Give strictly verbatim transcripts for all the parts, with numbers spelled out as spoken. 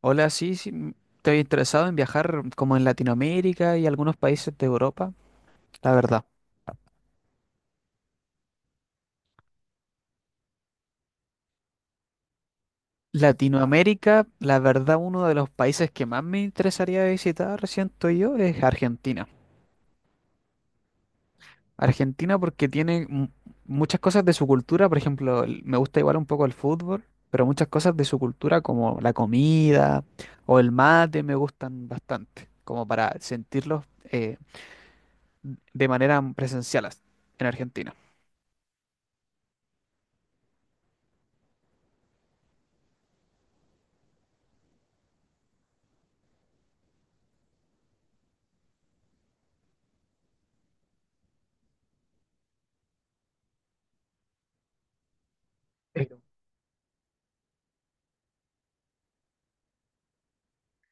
Hola, sí, sí, mm, estoy interesado en viajar como en Latinoamérica y algunos países de Europa, la verdad. Latinoamérica, la verdad, uno de los países que más me interesaría visitar, siento yo, es Argentina. Argentina porque tiene mu- muchas cosas de su cultura, por ejemplo, el- me gusta igual un poco el fútbol, pero muchas cosas de su cultura como la comida o el mate me gustan bastante, como para sentirlos eh, de manera presencial as- en Argentina.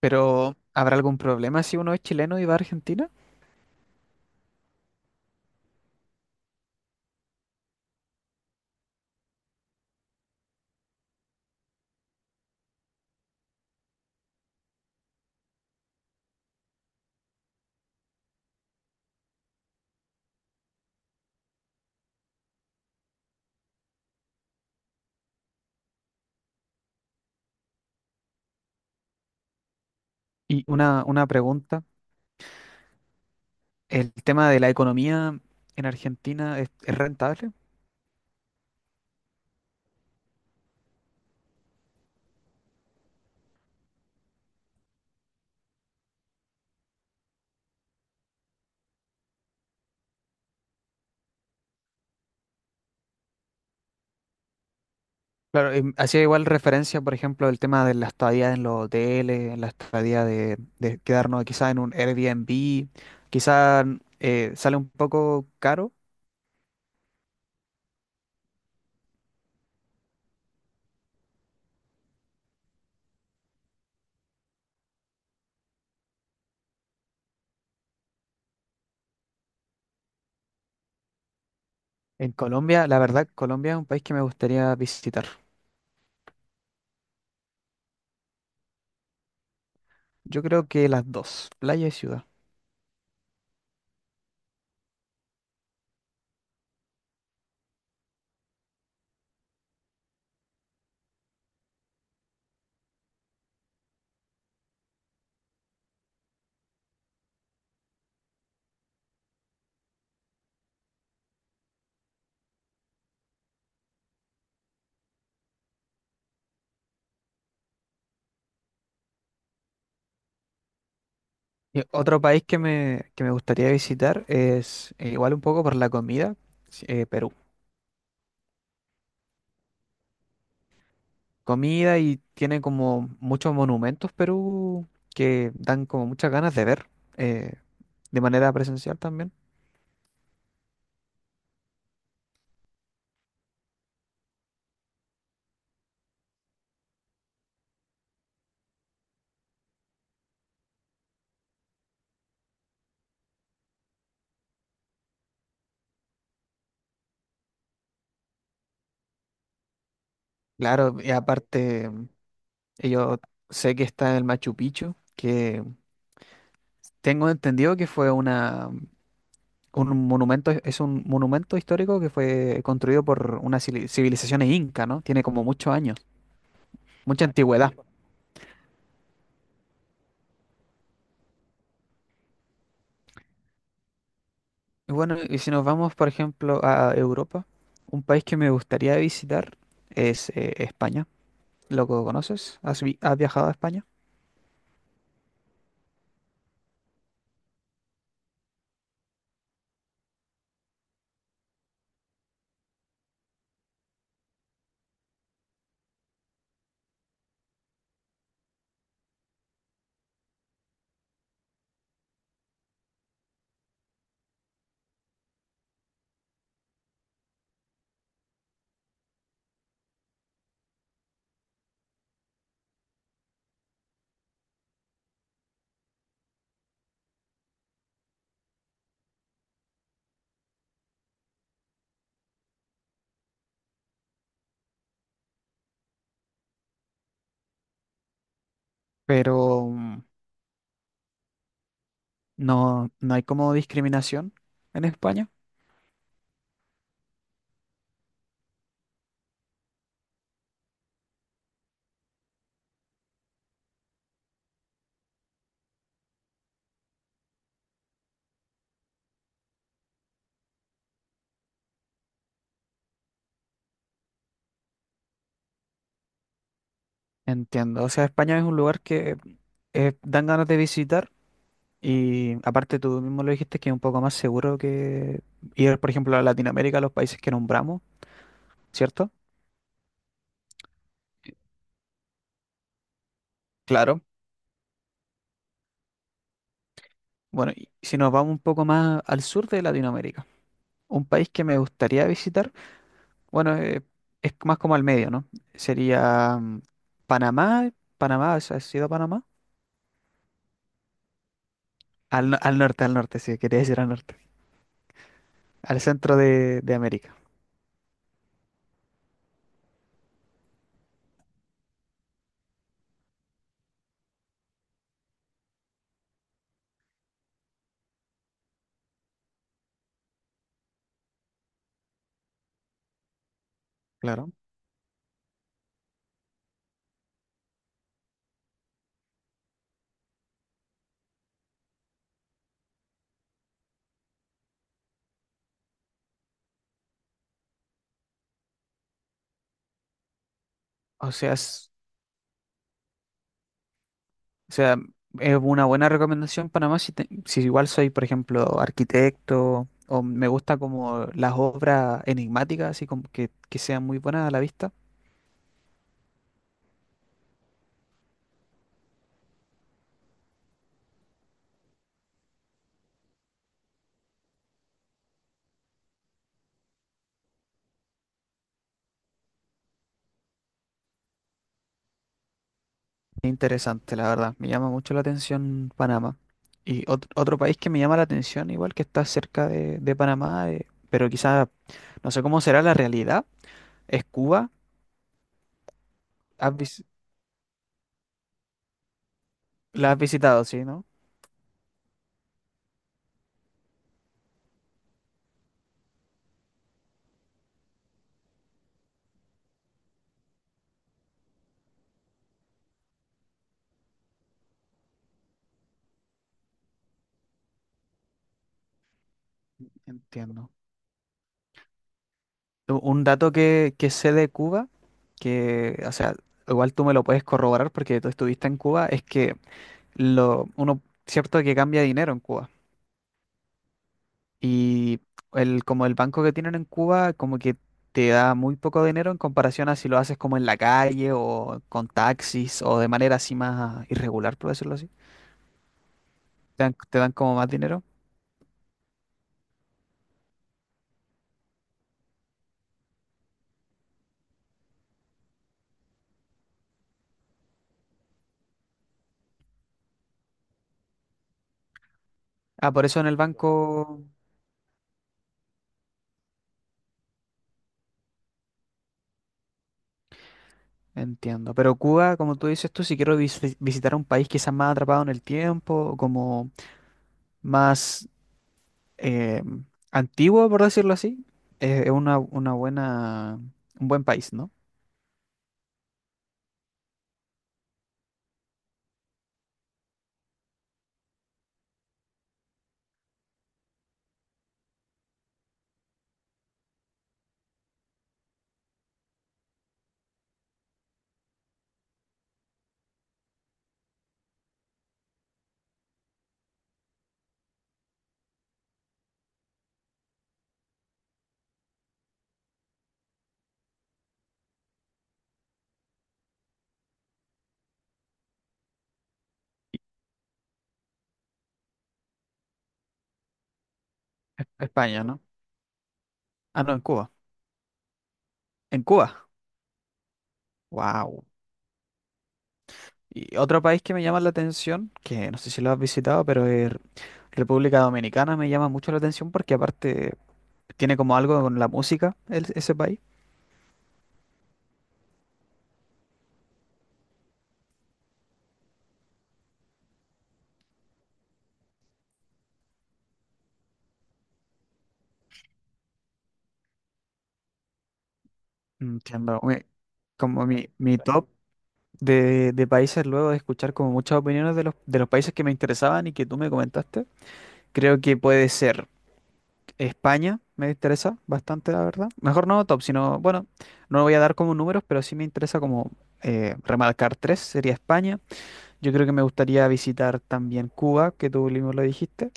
Pero, ¿habrá algún problema si uno es chileno y va a Argentina? Y una, una pregunta, ¿el tema de la economía en Argentina es, es rentable? Claro, em, hacía igual referencia, por ejemplo, al tema de la estadía en los hoteles, la estadía de, de quedarnos quizás en un Airbnb, quizás sale un poco caro. En Colombia, la verdad, Colombia es un país que me gustaría visitar. Yo creo que las dos, playa y ciudad. Y otro país que me, que me gustaría visitar es eh, igual un poco por la comida, sí, eh, Perú. Comida y tiene como muchos monumentos Perú que dan como muchas ganas de ver eh, de manera presencial también. Claro, y aparte eh, yo sé que está el Machu Picchu, que tengo entendido que fue una, un monumento, es un monumento histórico que fue construido por unas civili- civilizaciones inca, ¿no? Tiene como muchos años, mucha antigüedad. Y bueno, y si nos vamos, por ejemplo, a Europa, un país que me gustaría visitar es eh, España. ¿Lo conoces? ¿Has, vi- has viajado a España? Pero mm, no, no hay como discriminación en España. Entiendo. O sea, España es un lugar que eh, dan ganas de visitar y aparte tú mismo lo dijiste que es un poco más seguro que ir, por ejemplo, a Latinoamérica, a los países que nombramos, ¿cierto? Claro. Bueno, y si nos vamos un poco más al sur de Latinoamérica, un país que me gustaría visitar. Bueno, eh, es más como al medio, ¿no? Sería mm, Panamá, Panamá, ¿has has ido a Panamá? Al, no- al norte, al norte, sí, quería decir al norte. Al centro de, de América, claro. O sea, es, o sea, es una buena recomendación Panamá si, te- si igual soy, por ejemplo, arquitecto o me gusta como las obras enigmáticas, así como que, que sean muy buenas a la vista. Interesante, la verdad. Me llama mucho la atención Panamá. Y ot- otro país que me llama la atención, igual que está cerca de, de Panamá, eh, pero quizás no sé cómo será la realidad, es Cuba. Has vis- ¿La has visitado, sí, no? Entiendo. U- Un dato que, que sé de Cuba, que, o sea, igual tú me lo puedes corroborar porque tú estuviste en Cuba, es que lo, uno, cierto que cambia dinero en Cuba. Y el, como el banco que tienen en Cuba, como que te da muy poco dinero en comparación a si lo haces como en la calle o con taxis o de manera así más irregular, por decirlo así. Te dan, te dan como más dinero. Ah, por eso en el banco entiendo. Pero Cuba, como tú dices tú, si quiero visi- visitar un país quizás más atrapado en el tiempo, o como más eh, antiguo, por decirlo así, eh, es una, una buena, un buen país, ¿no? España, ¿no? Ah, no, en Cuba. En Cuba. Wow. Y otro país que me llama la atención, que no sé si lo has visitado, pero es República Dominicana me llama mucho la atención porque aparte tiene como algo con la música el- ese país. Entiendo. mi- Como mi, mi top de, de países luego de escuchar como muchas opiniones de los, de los países que me interesaban y que tú me comentaste, creo que puede ser España, me interesa bastante, la verdad. Mejor no top, sino, bueno, no voy a dar como números, pero sí me interesa como eh, remarcar tres, sería España. Yo creo que me gustaría visitar también Cuba, que tú mismo lo dijiste.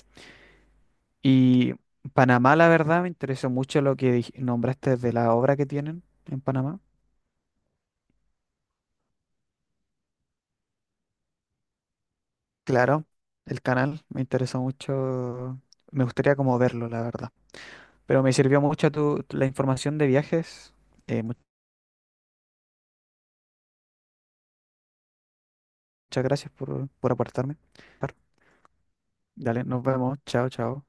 Y Panamá, la verdad, me interesó mucho lo que dij- nombraste de la obra que tienen en Panamá. Claro, el canal me interesó mucho. Me gustaría como verlo, la verdad. Pero me sirvió mucho tu, la información de viajes. Eh, muchas gracias por, por aportarme. Dale, nos vemos. Chao, chao.